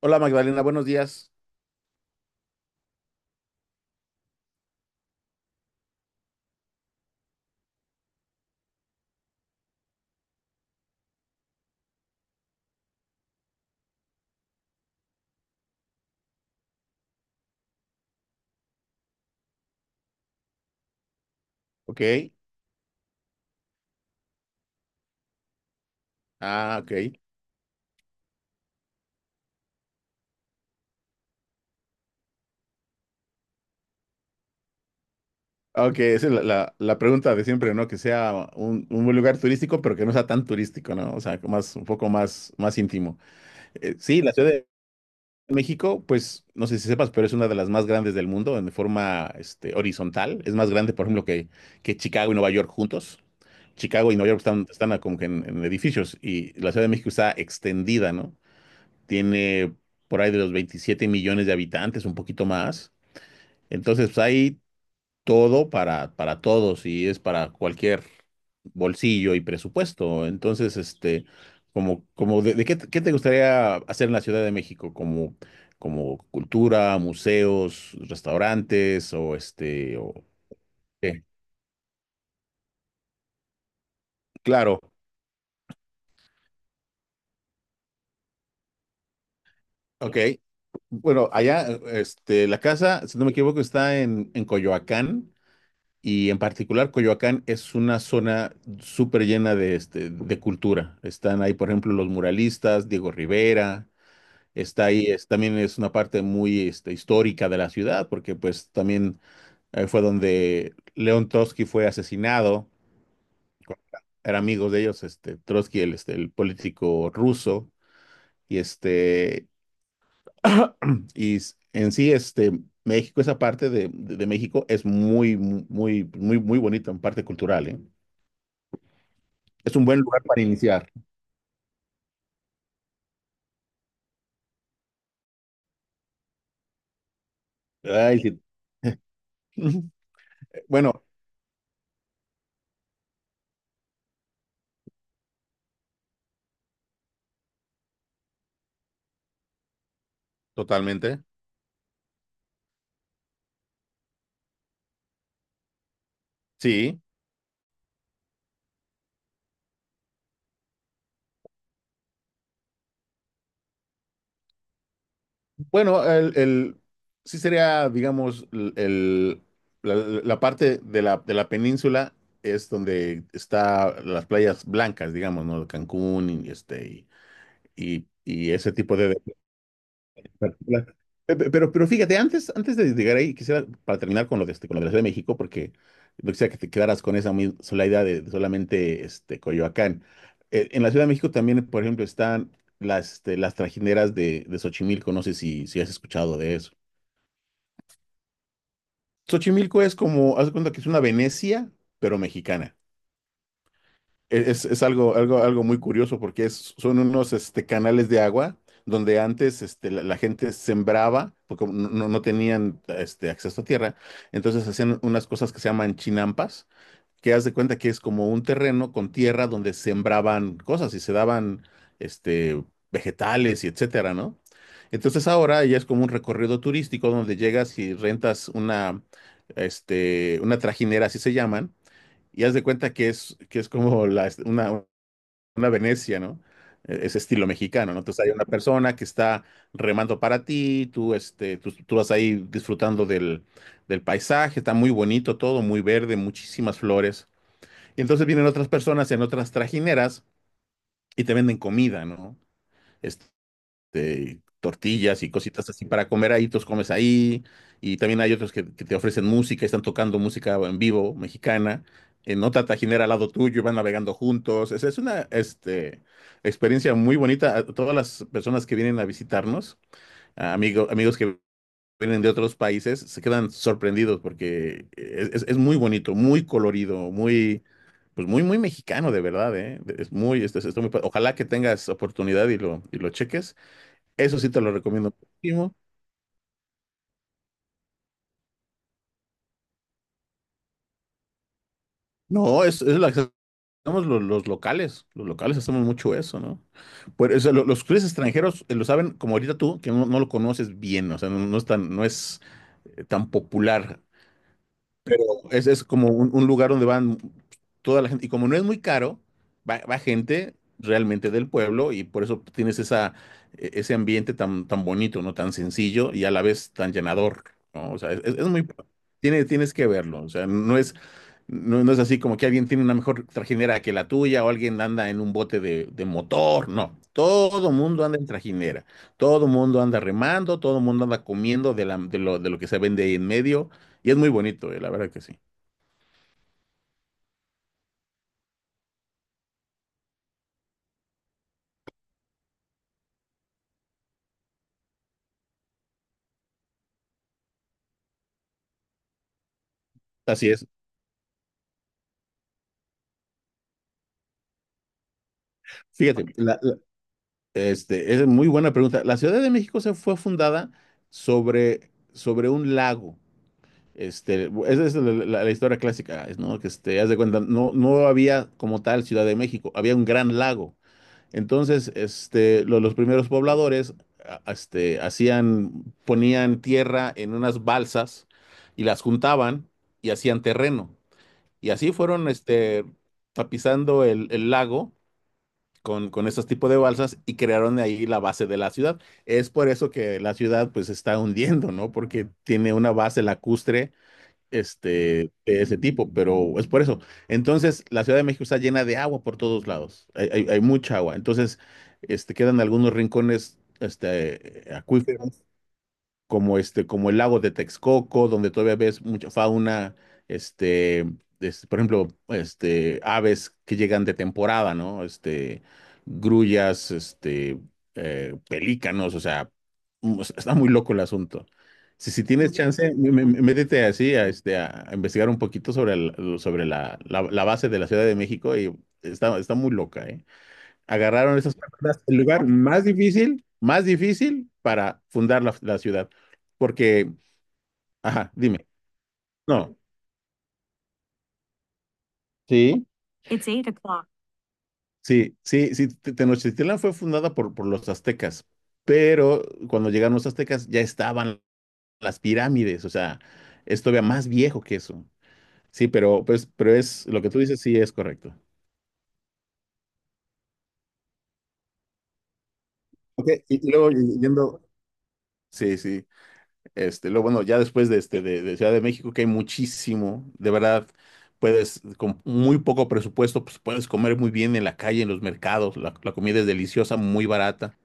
Hola Magdalena, buenos días. Ok. Ah, ok. Ah, ok, esa es la, la pregunta de siempre, ¿no? Que sea un buen lugar turístico, pero que no sea tan turístico, ¿no? O sea, un poco más, más íntimo. Sí, la Ciudad de México, pues, no sé si sepas, pero es una de las más grandes del mundo en forma, horizontal. Es más grande, por ejemplo, que Chicago y Nueva York juntos. Chicago y Nueva York están como que en edificios y la Ciudad de México está extendida, ¿no? Tiene por ahí de los 27 millones de habitantes, un poquito más. Entonces, pues, hay todo para todos y es para cualquier bolsillo y presupuesto. Entonces, como de qué te gustaría hacer en la Ciudad de México, como cultura, museos, restaurantes, o ¿o qué? Claro, ok. Bueno, allá, la casa, si no me equivoco, está en Coyoacán. Y en particular, Coyoacán es una zona súper llena de cultura. Están ahí, por ejemplo, los muralistas, Diego Rivera, está ahí, también es una parte muy histórica de la ciudad, porque pues también fue donde León Trotsky fue asesinado. Eran amigos de ellos, Trotsky, el político ruso, y y en sí, México, esa parte de México es muy, muy, muy, muy bonita en parte cultural, ¿eh? Es un buen lugar para iniciar. Ay, sí. Bueno, totalmente. Sí. Bueno, sí sería, digamos, la parte de la península es donde está las playas blancas, digamos, ¿no? Cancún y ese tipo de... Claro. Pero fíjate, antes de llegar ahí, quisiera, para terminar con lo de, la Ciudad de México, porque no quisiera que te quedaras con esa muy sola idea de solamente Coyoacán. En la Ciudad de México también, por ejemplo, están las, las trajineras de Xochimilco, no sé si has escuchado de eso. Xochimilco es como, haz de cuenta que es una Venecia, pero mexicana. Es algo muy curioso porque son unos canales de agua donde antes la gente sembraba, porque no tenían acceso a tierra, entonces hacían unas cosas que se llaman chinampas, que haz de cuenta que es como un terreno con tierra donde sembraban cosas y se daban este, vegetales y etcétera, ¿no? Entonces ahora ya es como un recorrido turístico donde llegas y rentas una, una trajinera, así se llaman, y haz de cuenta que es como una Venecia, ¿no? Ese estilo mexicano, ¿no? Entonces hay una persona que está remando para ti, tú vas ahí disfrutando del paisaje, está muy bonito todo, muy verde, muchísimas flores. Y entonces vienen otras personas en otras trajineras y te venden comida, ¿no? Este, tortillas y cositas así para comer ahí, tú comes ahí. Y también hay otros que te ofrecen música, están tocando música en vivo mexicana, en otra tajinera al lado tuyo, y van navegando juntos. Es una experiencia muy bonita. A todas las personas que vienen a visitarnos, a amigos que vienen de otros países, se quedan sorprendidos porque es muy bonito, muy colorido, muy... Pues muy, muy mexicano, de verdad, ¿eh? Es muy, es- está muy pa- Ojalá que tengas oportunidad y lo cheques. Eso sí te lo recomiendo muchísimo. No, es la que hacemos los locales. Los locales hacemos mucho eso, ¿no? Pues, o sea, los clientes extranjeros lo saben, como ahorita tú, que no lo conoces bien, o sea, no es tan, no es tan popular. Es como un lugar donde van toda la gente. Y como no es muy caro, va gente realmente del pueblo y por eso tienes esa, ese ambiente tan, tan bonito, ¿no? Tan sencillo y a la vez tan llenador, ¿no? O sea, es muy... tienes que verlo, o sea, no es, no es así como que alguien tiene una mejor trajinera que la tuya o alguien anda en un bote de motor, no. Todo mundo anda en trajinera, todo mundo anda remando, todo mundo anda comiendo de lo que se vende ahí en medio, y es muy bonito, la verdad que sí. Así es. Fíjate, es muy buena pregunta. La Ciudad de México se fue fundada sobre un lago. Este, esa es la, la historia clásica, es, ¿no? Que haz de cuenta, no, no había como tal Ciudad de México, había un gran lago. Entonces, los primeros pobladores, hacían, ponían tierra en unas balsas y las juntaban y hacían terreno. Y así fueron, tapizando el lago con estos tipos de balsas y crearon de ahí la base de la ciudad. Es por eso que la ciudad pues se está hundiendo, ¿no? Porque tiene una base lacustre de ese tipo, pero es por eso. Entonces, la Ciudad de México está llena de agua por todos lados. Hay mucha agua. Entonces, quedan algunos rincones acuíferos como el lago de Texcoco, donde todavía ves mucha fauna, este, por ejemplo, aves que llegan de temporada, ¿no? Grullas, pelícanos, o sea, o sea, está muy loco el asunto. Si tienes chance, métete así a, a investigar un poquito sobre, sobre la, la base de la Ciudad de México, y está muy loca, ¿eh? Agarraron esas personas el lugar, difícil, más difícil para fundar la ciudad. Porque, ajá, dime. No, sí, It's 8 o'clock. Sí, sí, sí. Tenochtitlán fue fundada por los aztecas, pero cuando llegaron los aztecas ya estaban las pirámides, o sea, es todavía más viejo que eso. Sí, pero, pues, pero es lo que tú dices, sí es correcto. Ok, y luego yendo. Sí, sí. Luego, bueno, ya después de Ciudad de México, que hay muchísimo, de verdad, puedes, con muy poco presupuesto, pues puedes comer muy bien en la calle, en los mercados, la comida es deliciosa, muy barata.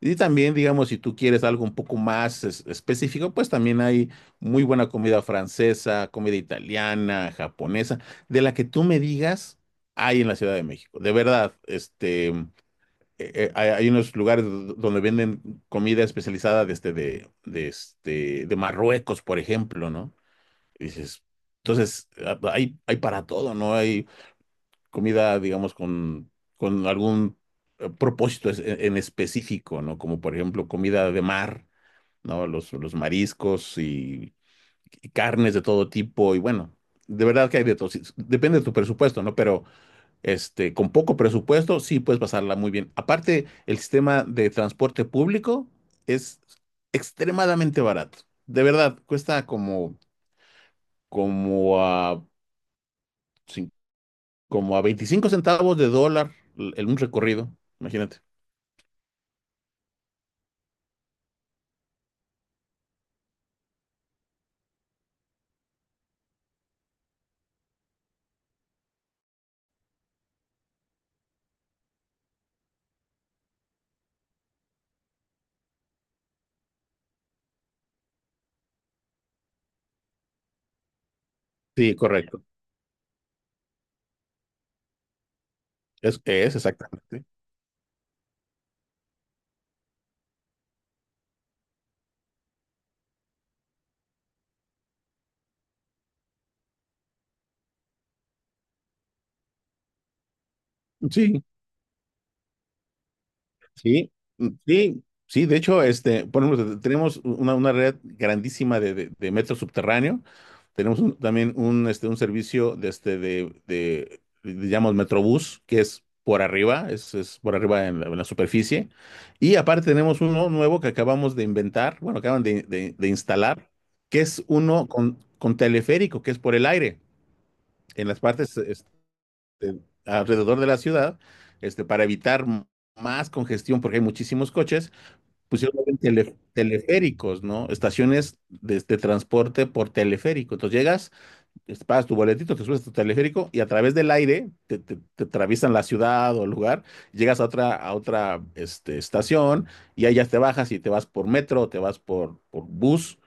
Y también, digamos, si tú quieres algo un poco más específico, pues también hay muy buena comida francesa, comida italiana, japonesa, de la que tú me digas, hay en la Ciudad de México. De verdad, hay unos lugares donde venden comida especializada de Marruecos, por ejemplo, ¿no? Y dices, entonces, ah, pues, hay para todo, ¿no? Hay comida, digamos, con algún propósito en, específico, ¿no? Como por ejemplo comida de mar, ¿no? Los mariscos y carnes de todo tipo, y bueno, de verdad que hay de todo. Sí, depende de tu presupuesto, ¿no? Pero con poco presupuesto, sí puedes pasarla muy bien. Aparte, el sistema de transporte público es extremadamente barato. De verdad, cuesta como a, cin- como a 25 centavos de dólar en un recorrido. Imagínate. Sí, correcto. Es exactamente. Sí, sí, mm, sí, sí, de hecho, por ejemplo, tenemos una red grandísima de metro subterráneo. Tenemos también un, un servicio de, digamos, Metrobús, que es por arriba, es por arriba en la superficie. Y aparte tenemos uno nuevo que acabamos de inventar, bueno, acaban de instalar, que es uno con teleférico, que es por el aire, en las partes, alrededor de la ciudad, para evitar más congestión, porque hay muchísimos coches, pusieron teleféricos, ¿no? Estaciones de transporte por teleférico. Entonces llegas, pagas tu boletito, te subes a tu teleférico y a través del aire te atraviesan la ciudad o el lugar, llegas a otra estación y ahí ya te bajas y te vas por metro o te vas por bus,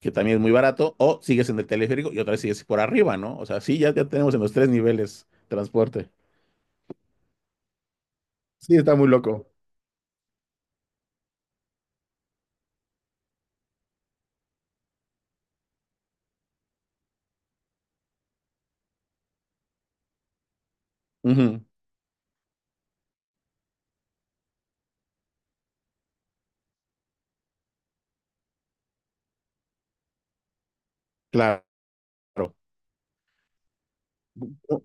que también es muy barato, o sigues en el teleférico y otra vez sigues por arriba, ¿no? O sea, sí, ya tenemos en los tres niveles transporte. Sí, está muy loco. Ujú, claro.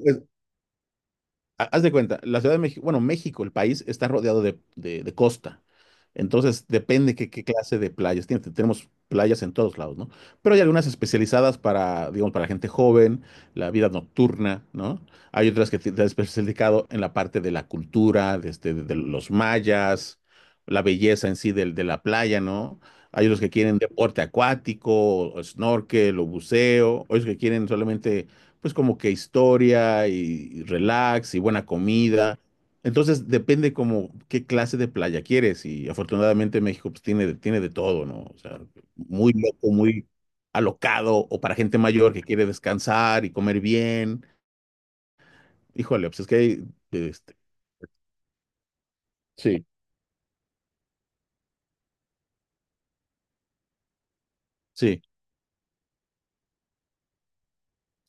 Es- Haz de cuenta, la Ciudad de México, bueno, México, el país, está rodeado de costa. Entonces, depende qué, clase de playas tiene. Tenemos playas en todos lados, ¿no? Pero hay algunas especializadas para, digamos, para la gente joven, la vida nocturna, ¿no? Hay otras que te has especializado en la parte de la cultura, de los mayas, la belleza en sí de la playa, ¿no? Hay otros que quieren deporte acuático, o snorkel, o buceo, otros que quieren solamente pues como que historia y relax y buena comida. Entonces depende como qué clase de playa quieres y afortunadamente México pues tiene, tiene de todo, ¿no? O sea, muy loco, muy alocado o para gente mayor que quiere descansar y comer bien. Híjole, pues es que hay, este, sí, sí,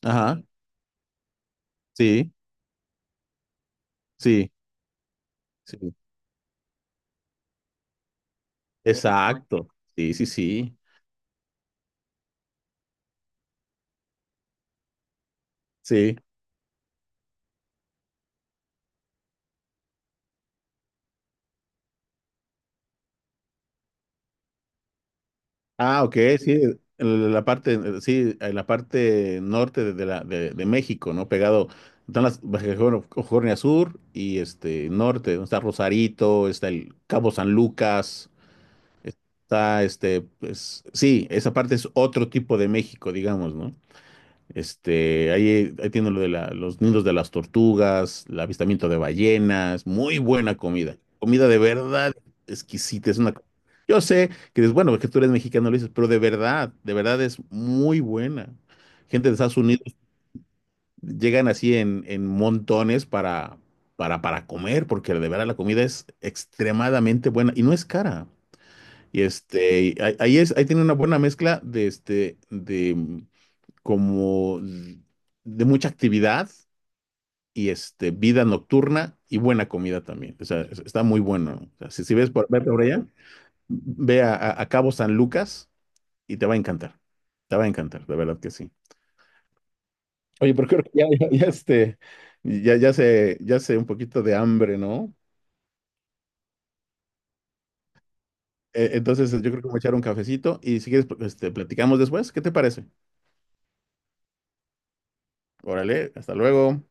ajá, sí, sí, sí, exacto, sí, sí, sí, sí. Ah, ok, sí, en la parte, sí, en la parte norte de México, ¿no? Pegado, están las Baja California, California Sur y este norte, donde está Rosarito, está el Cabo San Lucas, está pues, sí, esa parte es otro tipo de México, digamos, ¿no? Ahí tiene lo los nidos de las tortugas, el avistamiento de ballenas, muy buena comida. Comida de verdad exquisita. Es una Yo sé que dices, bueno, que tú eres mexicano, lo dices, pero de verdad es muy buena. Gente de Estados Unidos llegan así en montones para, para comer, porque de verdad la comida es extremadamente buena y no es cara. Y ahí tiene una buena mezcla de como de mucha actividad y vida nocturna y buena comida también. O sea, está muy bueno. O sea, si ves por, vete por allá, ve a, a Cabo San Lucas y te va a encantar. Te va a encantar, de verdad que sí. Oye, pero creo que ya se un poquito de hambre, ¿no? Entonces, yo creo que voy a echar un cafecito y si quieres, pues, platicamos después. ¿Qué te parece? Órale, hasta luego.